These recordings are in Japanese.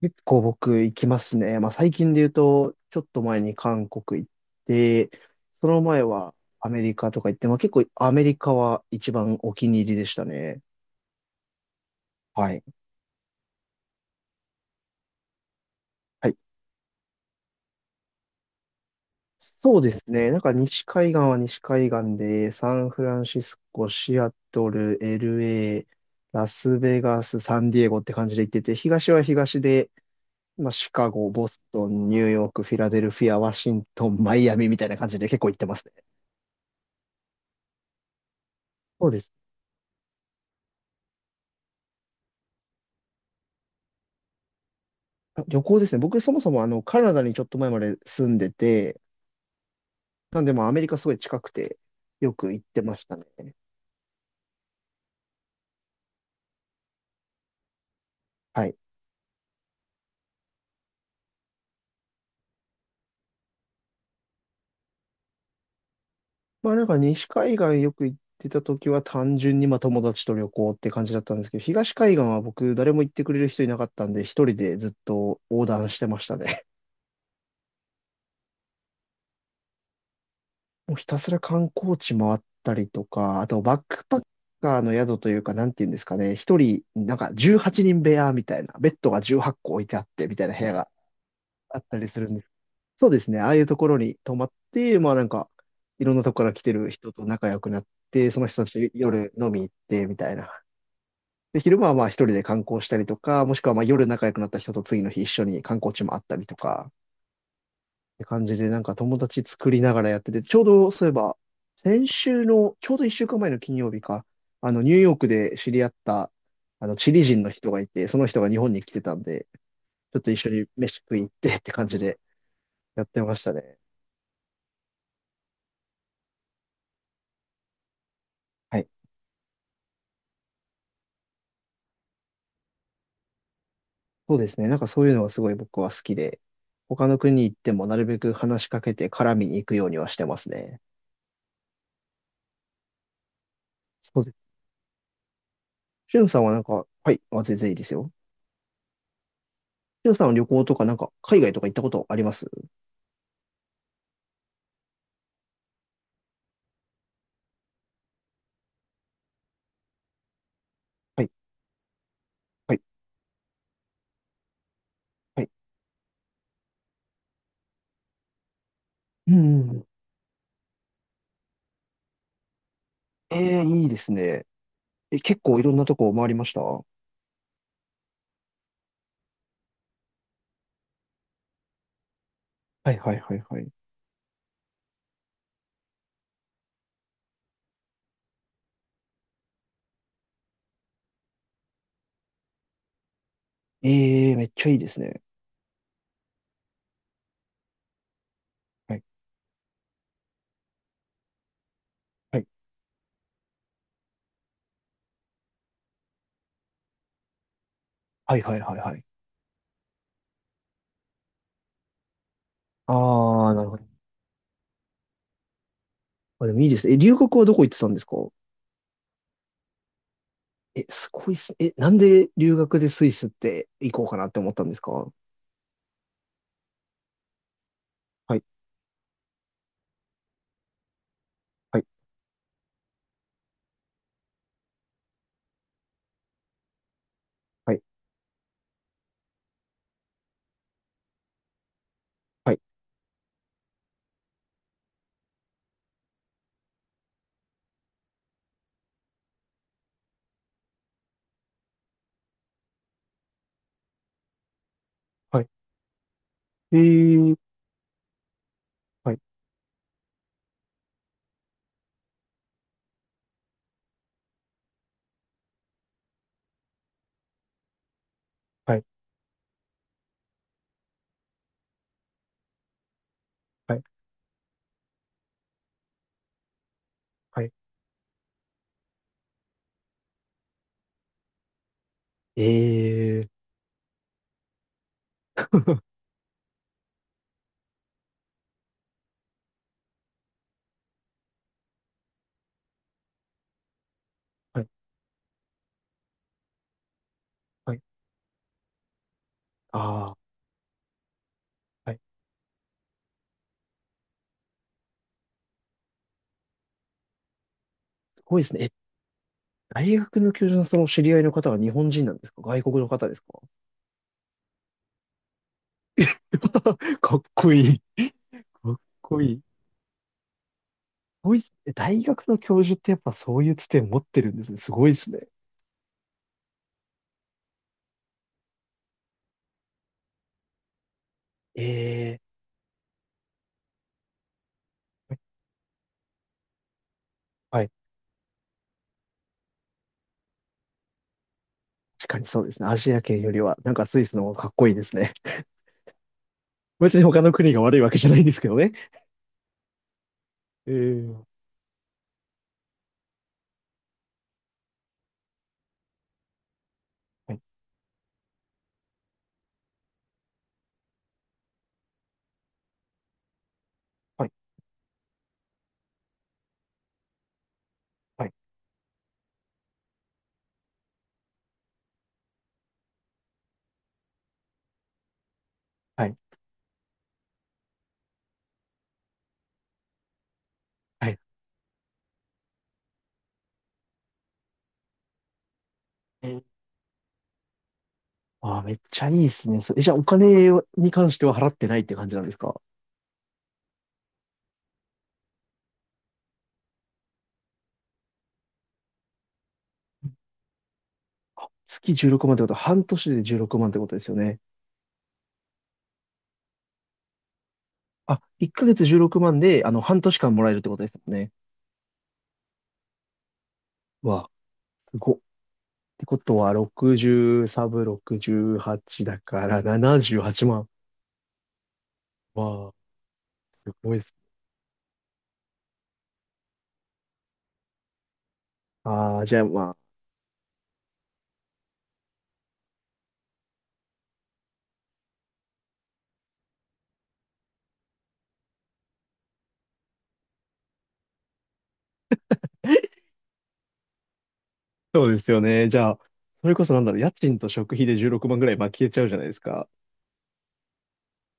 結構僕行きますね。まあ最近で言うと、ちょっと前に韓国行って、その前はアメリカとか行って、まあ結構アメリカは一番お気に入りでしたね。はい。はい。そうですね。なんか西海岸は西海岸で、サンフランシスコ、シアトル、LA、ラスベガス、サンディエゴって感じで行ってて、東は東で、まあシカゴ、ボストン、ニューヨーク、フィラデルフィア、ワシントン、マイアミみたいな感じで結構行ってますね。そうです。あ、旅行ですね。僕、そもそもカナダにちょっと前まで住んでて、なんで、まあ、アメリカすごい近くて、よく行ってましたね。はい。まあ、なんか、西海岸よく行ってた時は、単純に、まあ、友達と旅行って感じだったんですけど、東海岸は僕、誰も行ってくれる人いなかったんで、一人でずっと横断してましたね。もうひたすら観光地回ったりとか、あと、バックパッカーの宿というか、なんていうんですかね、一人、なんか、18人部屋みたいな、ベッドが18個置いてあって、みたいな部屋があったりするんです。そうですね。ああいうところに泊まって、まあなんか、いろんなとこから来てる人と仲良くなって、その人たちと夜飲み行ってみたいな。で、昼間はまあ一人で観光したりとか、もしくはまあ夜仲良くなった人と次の日一緒に観光地もあったりとか、って感じでなんか友達作りながらやってて、ちょうどそういえば、先週の、ちょうど一週間前の金曜日か、ニューヨークで知り合った、チリ人の人がいて、その人が日本に来てたんで、ちょっと一緒に飯食い行ってって感じでやってましたね。はい。そうですね。なんかそういうのがすごい僕は好きで、他の国行ってもなるべく話しかけて絡みに行くようにはしてますね。そうです。しゅんさんはなんか、はい、あ、全然いいですよ。しゅんさんは旅行とかなんか海外とか行ったことあります？はい、はい、はい。うん、うん。ええ、いいですね。え、結構いろんなとこ回りました？はいはいはいはい。ええ、めっちゃいいですね。はい、はい、はいはいはいはい。ああ、なるほど。あ、でもいいですね。え、留学はどこ行ってたんですか？え、すごいっす。え、なんで留学でスイスって行こうかなって思ったんですか？はい、はい、はい、はい、はい。えー、はい、はい、はい、はい。えー、はい、はい。ああ、はい。すごいですね。え、大学の教授のその知り合いの方は日本人なんですか？外国の方ですか？ かっこいい。かっこいい。すごいっす。え、大学の教授ってやっぱそういうつて持ってるんですね。すごいですね。えー、はい。確かにそうですね。アジア圏よりは、なんかスイスの方がかっこいいですね。別に他の国が悪いわけじゃないんですけどね。えー、はい、はい、はい、はい、はい。えー、あー、めっちゃいいですね。そえ、じゃあお金に関しては払ってないって感じなんですか？月16万ってことは半年で16万ってことですよね。あ、1ヶ月16万で、半年間もらえるってことですよね。わあ、すごっ。ってことは、60サブ68だから78万。わあ、すごいっす。ああ、じゃあまあ、そうですよね。じゃあ、それこそなんだろう、家賃と食費で16万ぐらい、まあ消えちゃうじゃないですか。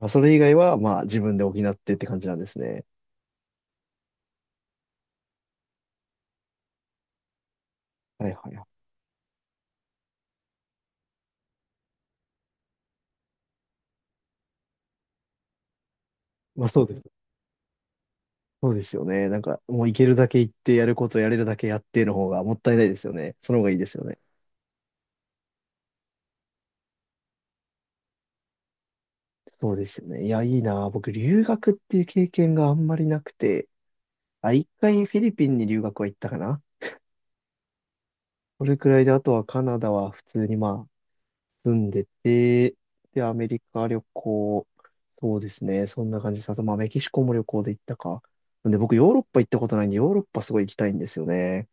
まあ、それ以外は、まあ、自分で補ってって感じなんですね。はいはいはい。まあ、そうです。そうですよね。なんか、もう行けるだけ行って、やることやれるだけやっての方がもったいないですよね。その方がいいですよね。そうですよね。いや、いいな。僕、留学っていう経験があんまりなくて、あ、一回フィリピンに留学は行ったかな。それくらいで、あとはカナダは普通にまあ、住んでて、で、アメリカ旅行、そうですね。そんな感じです。あと、まあ、メキシコも旅行で行ったか。なんで、僕、ヨーロッパ行ったことないんで、ヨーロッパすごい行きたいんですよね。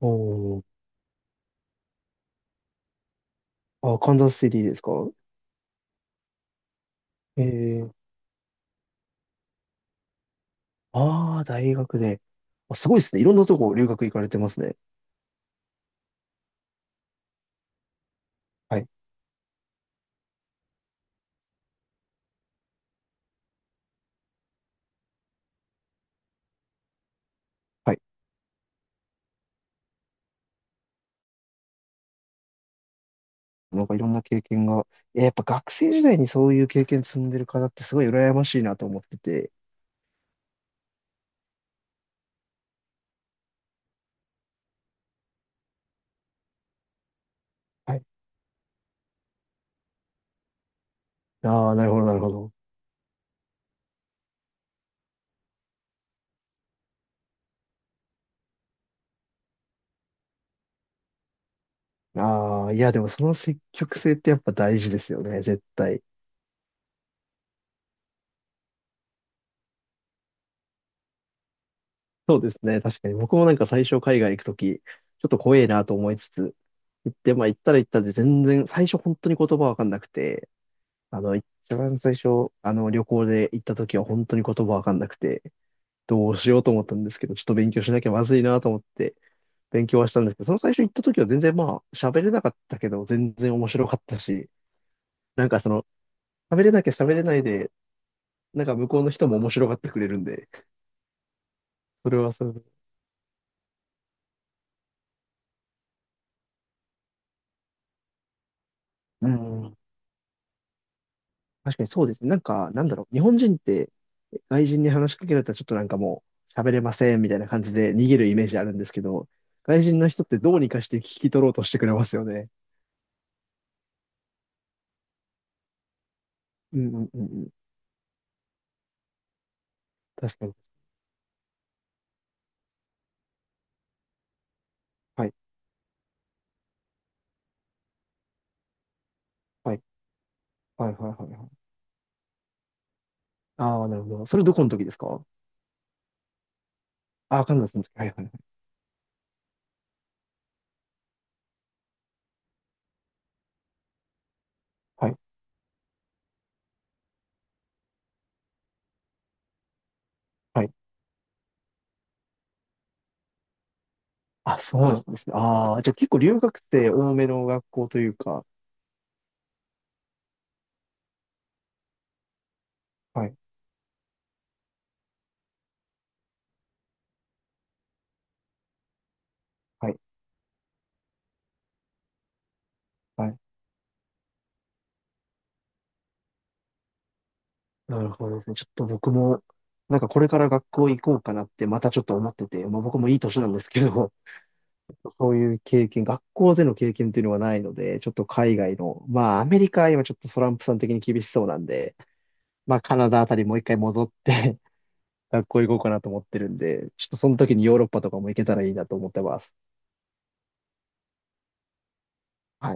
おー、あ、カンザスシティですか？ええー、ああ、大学で。あ、すごいですね。いろんなとこ留学行かれてますね。はい。はい。なんかいろんな経験が。いや、やっぱ学生時代にそういう経験積んでる方ってすごい羨ましいなと思ってて。はい。ああ、なるほど、なるほど。ああ、いや、でもその積極性ってやっぱ大事ですよね、絶対。そうですね。確かに僕もなんか最初海外行くとき、ちょっと怖えなと思いつつ、行って、まあ行ったら行ったで全然、最初本当に言葉わかんなくて、一番最初、旅行で行った時は本当に言葉わかんなくて、どうしようと思ったんですけど、ちょっと勉強しなきゃまずいなと思って、勉強はしたんですけど、その最初行った時は全然まあ、喋れなかったけど、全然面白かったし、なんかその、喋れなきゃ喋れないで、なんか向こうの人も面白がってくれるんで、それはそれで、うん、確かにそうですね。なんか、なんだろう。日本人って、外人に話しかけられたらちょっとなんかもう、喋れませんみたいな感じで逃げるイメージあるんですけど、外人の人ってどうにかして聞き取ろうとしてくれますよね。うんうんうんうん。確かに。はい。はい。はいはいはいはい。ああ、なるほど。それどこの時ですか？ああー、カンザスの時。はいはいはい。はい。はい。あ、そうなんですね。ああ、じゃあ結構留学生多めの学校というか。はい。はい。はい。なるほどですね。ちょっと僕も、なんかこれから学校行こうかなってまたちょっと思ってて、まあ僕もいい年なんですけど、そういう経験、学校での経験っていうのはないので、ちょっと海外の、まあアメリカは今ちょっとトランプさん的に厳しそうなんで、まあカナダあたりもう一回戻って 学校行こうかなと思ってるんで、ちょっとその時にヨーロッパとかも行けたらいいなと思ってます。はい